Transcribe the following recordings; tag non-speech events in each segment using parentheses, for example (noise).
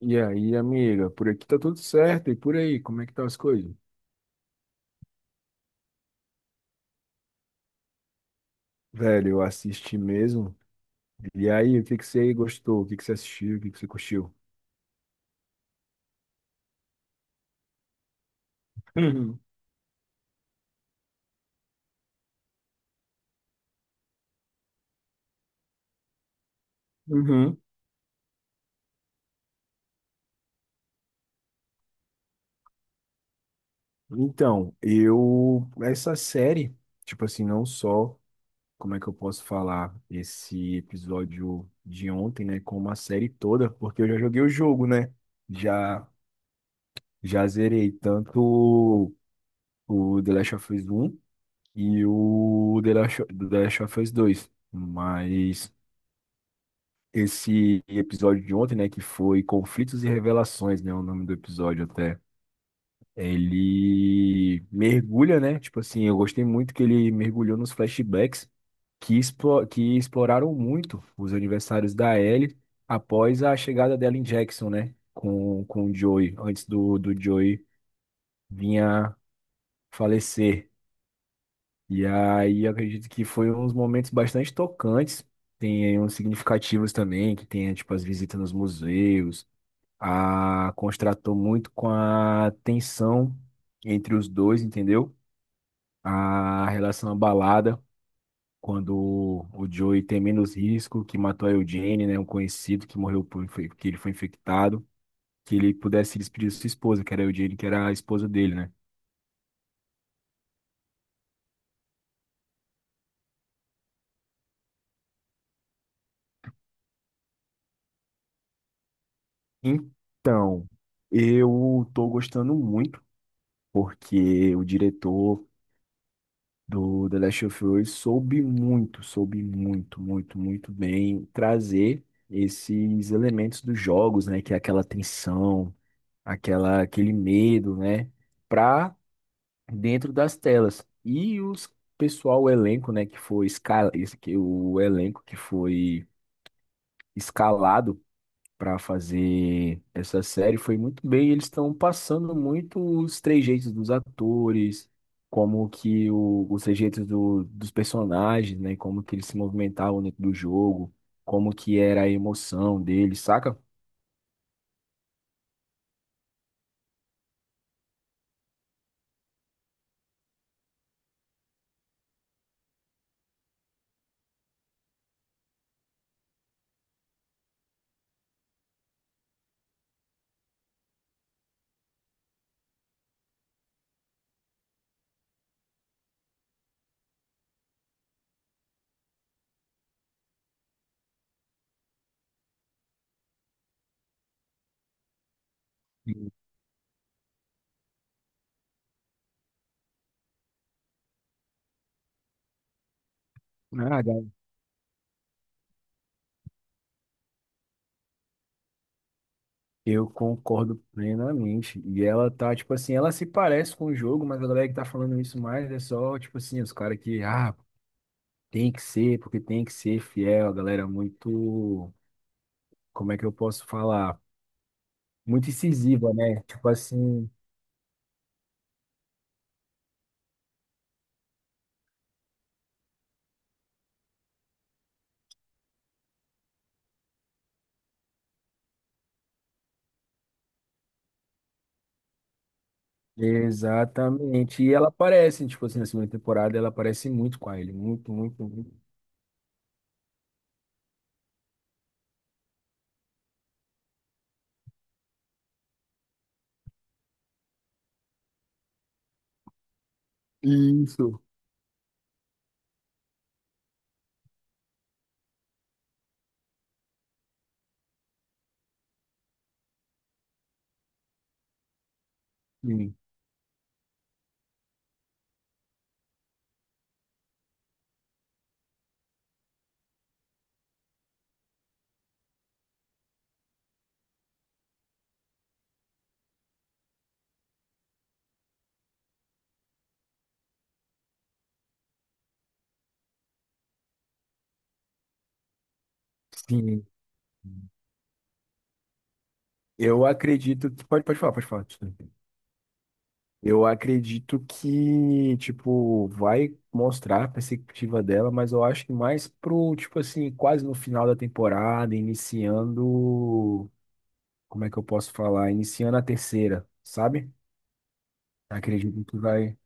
E aí, amiga, por aqui tá tudo certo. E por aí, como é que tá as coisas? Velho, eu assisti mesmo. E aí, o que que você gostou? O que que você assistiu? O que que você curtiu? Uhum. Uhum. Então, eu. Essa série, tipo assim, não só. Como é que eu posso falar esse episódio de ontem, né? Como a série toda, porque eu já joguei o jogo, né? Já, já zerei tanto o The Last of Us 1. E o The Last of Us 2. Mas esse episódio de ontem, né, que foi Conflitos e Revelações, né, o nome do episódio até. Ele mergulha, né? Tipo assim, eu gostei muito que ele mergulhou nos flashbacks que, que exploraram muito os aniversários da Ellie após a chegada dela em Jackson, né? Com o Joey, antes do Joey vir a falecer. E aí eu acredito que foi uns momentos bastante tocantes, tem aí uns significativos também, que tem tipo as visitas nos museus, a contrastou muito com a tensão entre os dois, entendeu? A relação abalada quando o Joey tem menos risco, que matou a Eugene, né, um conhecido que morreu por, que ele foi infectado, que ele pudesse se despedir de sua esposa, que era a Eugene, que era a esposa dele, né? Então, eu tô gostando muito porque o diretor do The Last of Us soube muito, muito, muito bem trazer esses elementos dos jogos, né, que é aquela tensão, aquela aquele medo, né, para dentro das telas. E os pessoal, o elenco, né, que foi escala, esse que o elenco que foi escalado para fazer essa série foi muito bem. Eles estão passando muito os trejeitos dos atores, como que os trejeitos dos personagens, né? Como que eles se movimentavam dentro do jogo, como que era a emoção deles, saca? Sim. Ah, da- Eu concordo plenamente. E ela tá, tipo assim, ela se parece com o jogo, mas a galera que tá falando isso mais é só, tipo assim, os caras que, ah, tem que ser, porque tem que ser fiel, a galera muito, como é que eu posso falar? Muito incisiva, né? Tipo assim, exatamente. E ela aparece, tipo assim, na segunda temporada, ela aparece muito com a ele, muito, muito, muito. Isso. Sim. Sim. Eu acredito que. Pode falar, pode falar. Desculpa. Eu acredito que, tipo, vai mostrar a perspectiva dela, mas eu acho que mais pro, tipo assim, quase no final da temporada, iniciando. Como é que eu posso falar? Iniciando a terceira, sabe? Acredito que vai.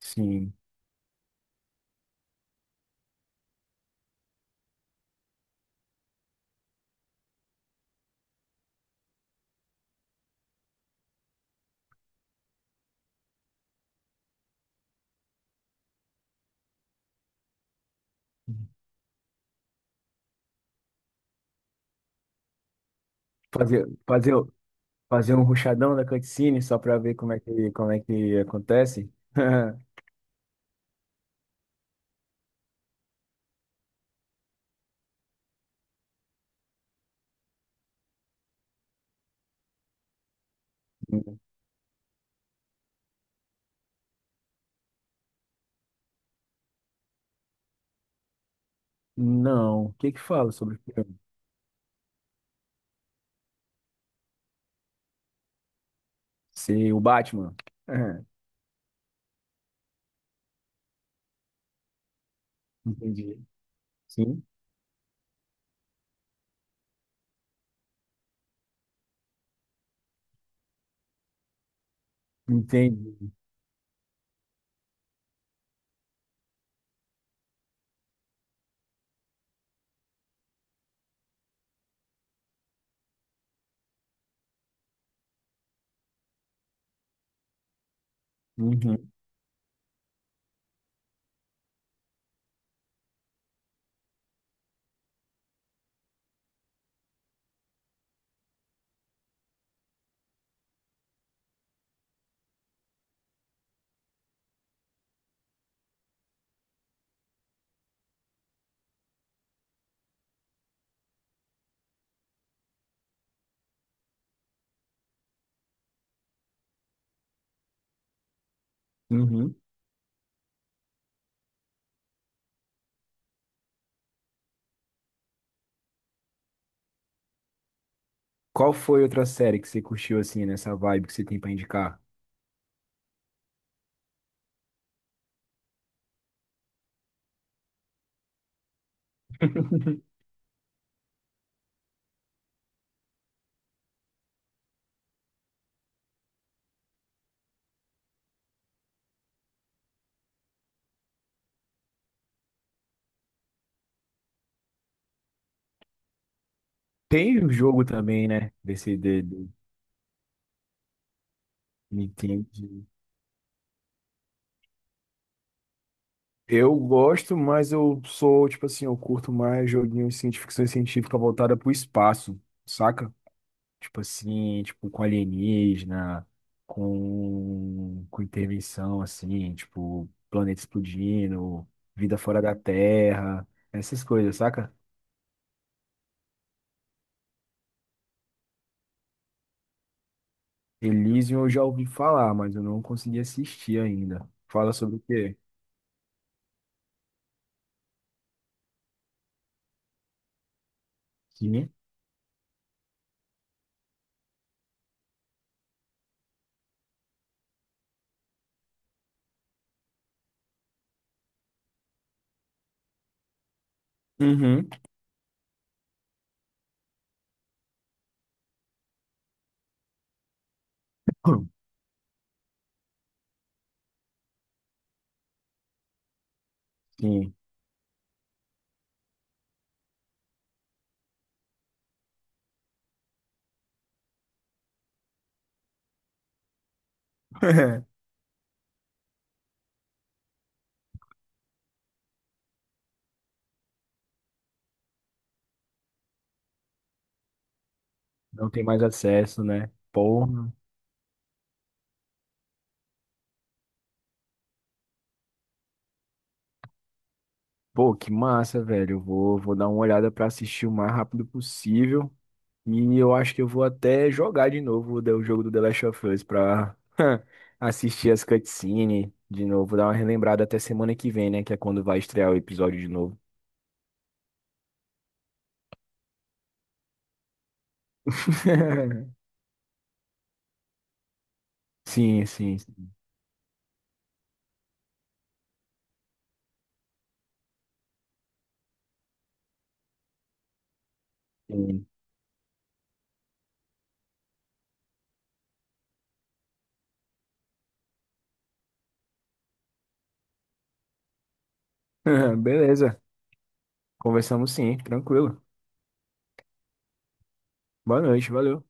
Sim. Fazer, fazer, fazer um ruxadão da cutscene só pra ver como é que acontece? (laughs) Não. O que que fala sobre o filme? Ser o Batman? (laughs) Ah, entendi. Sim. Entendi. Uhum. Uhum. Qual foi outra série que você curtiu assim, nessa vibe que você tem pra indicar? (laughs) Tem o jogo também, né? Desse de... Entendi. Eu gosto, mas eu sou, tipo assim, eu curto mais joguinhos assim, de ficção científica voltada pro espaço, saca? Tipo assim, tipo com alienígena, com intervenção, assim, tipo planeta explodindo, vida fora da Terra, essas coisas, saca? Elysium eu já ouvi falar, mas eu não consegui assistir ainda. Fala sobre o quê? Sim. Uhum. (clears throat) (coughs) Sim. (laughs) Não tem mais acesso, né? Porra. Pô, que massa, velho. Eu vou dar uma olhada pra assistir o mais rápido possível. E eu acho que eu vou até jogar de novo o jogo do The Last of Us pra (laughs) assistir as cutscenes de novo, dar uma relembrada até semana que vem, né? Que é quando vai estrear o episódio de novo. (laughs) Sim, sim, sim. (laughs) Beleza. Conversamos sim, tranquilo. Boa noite, valeu.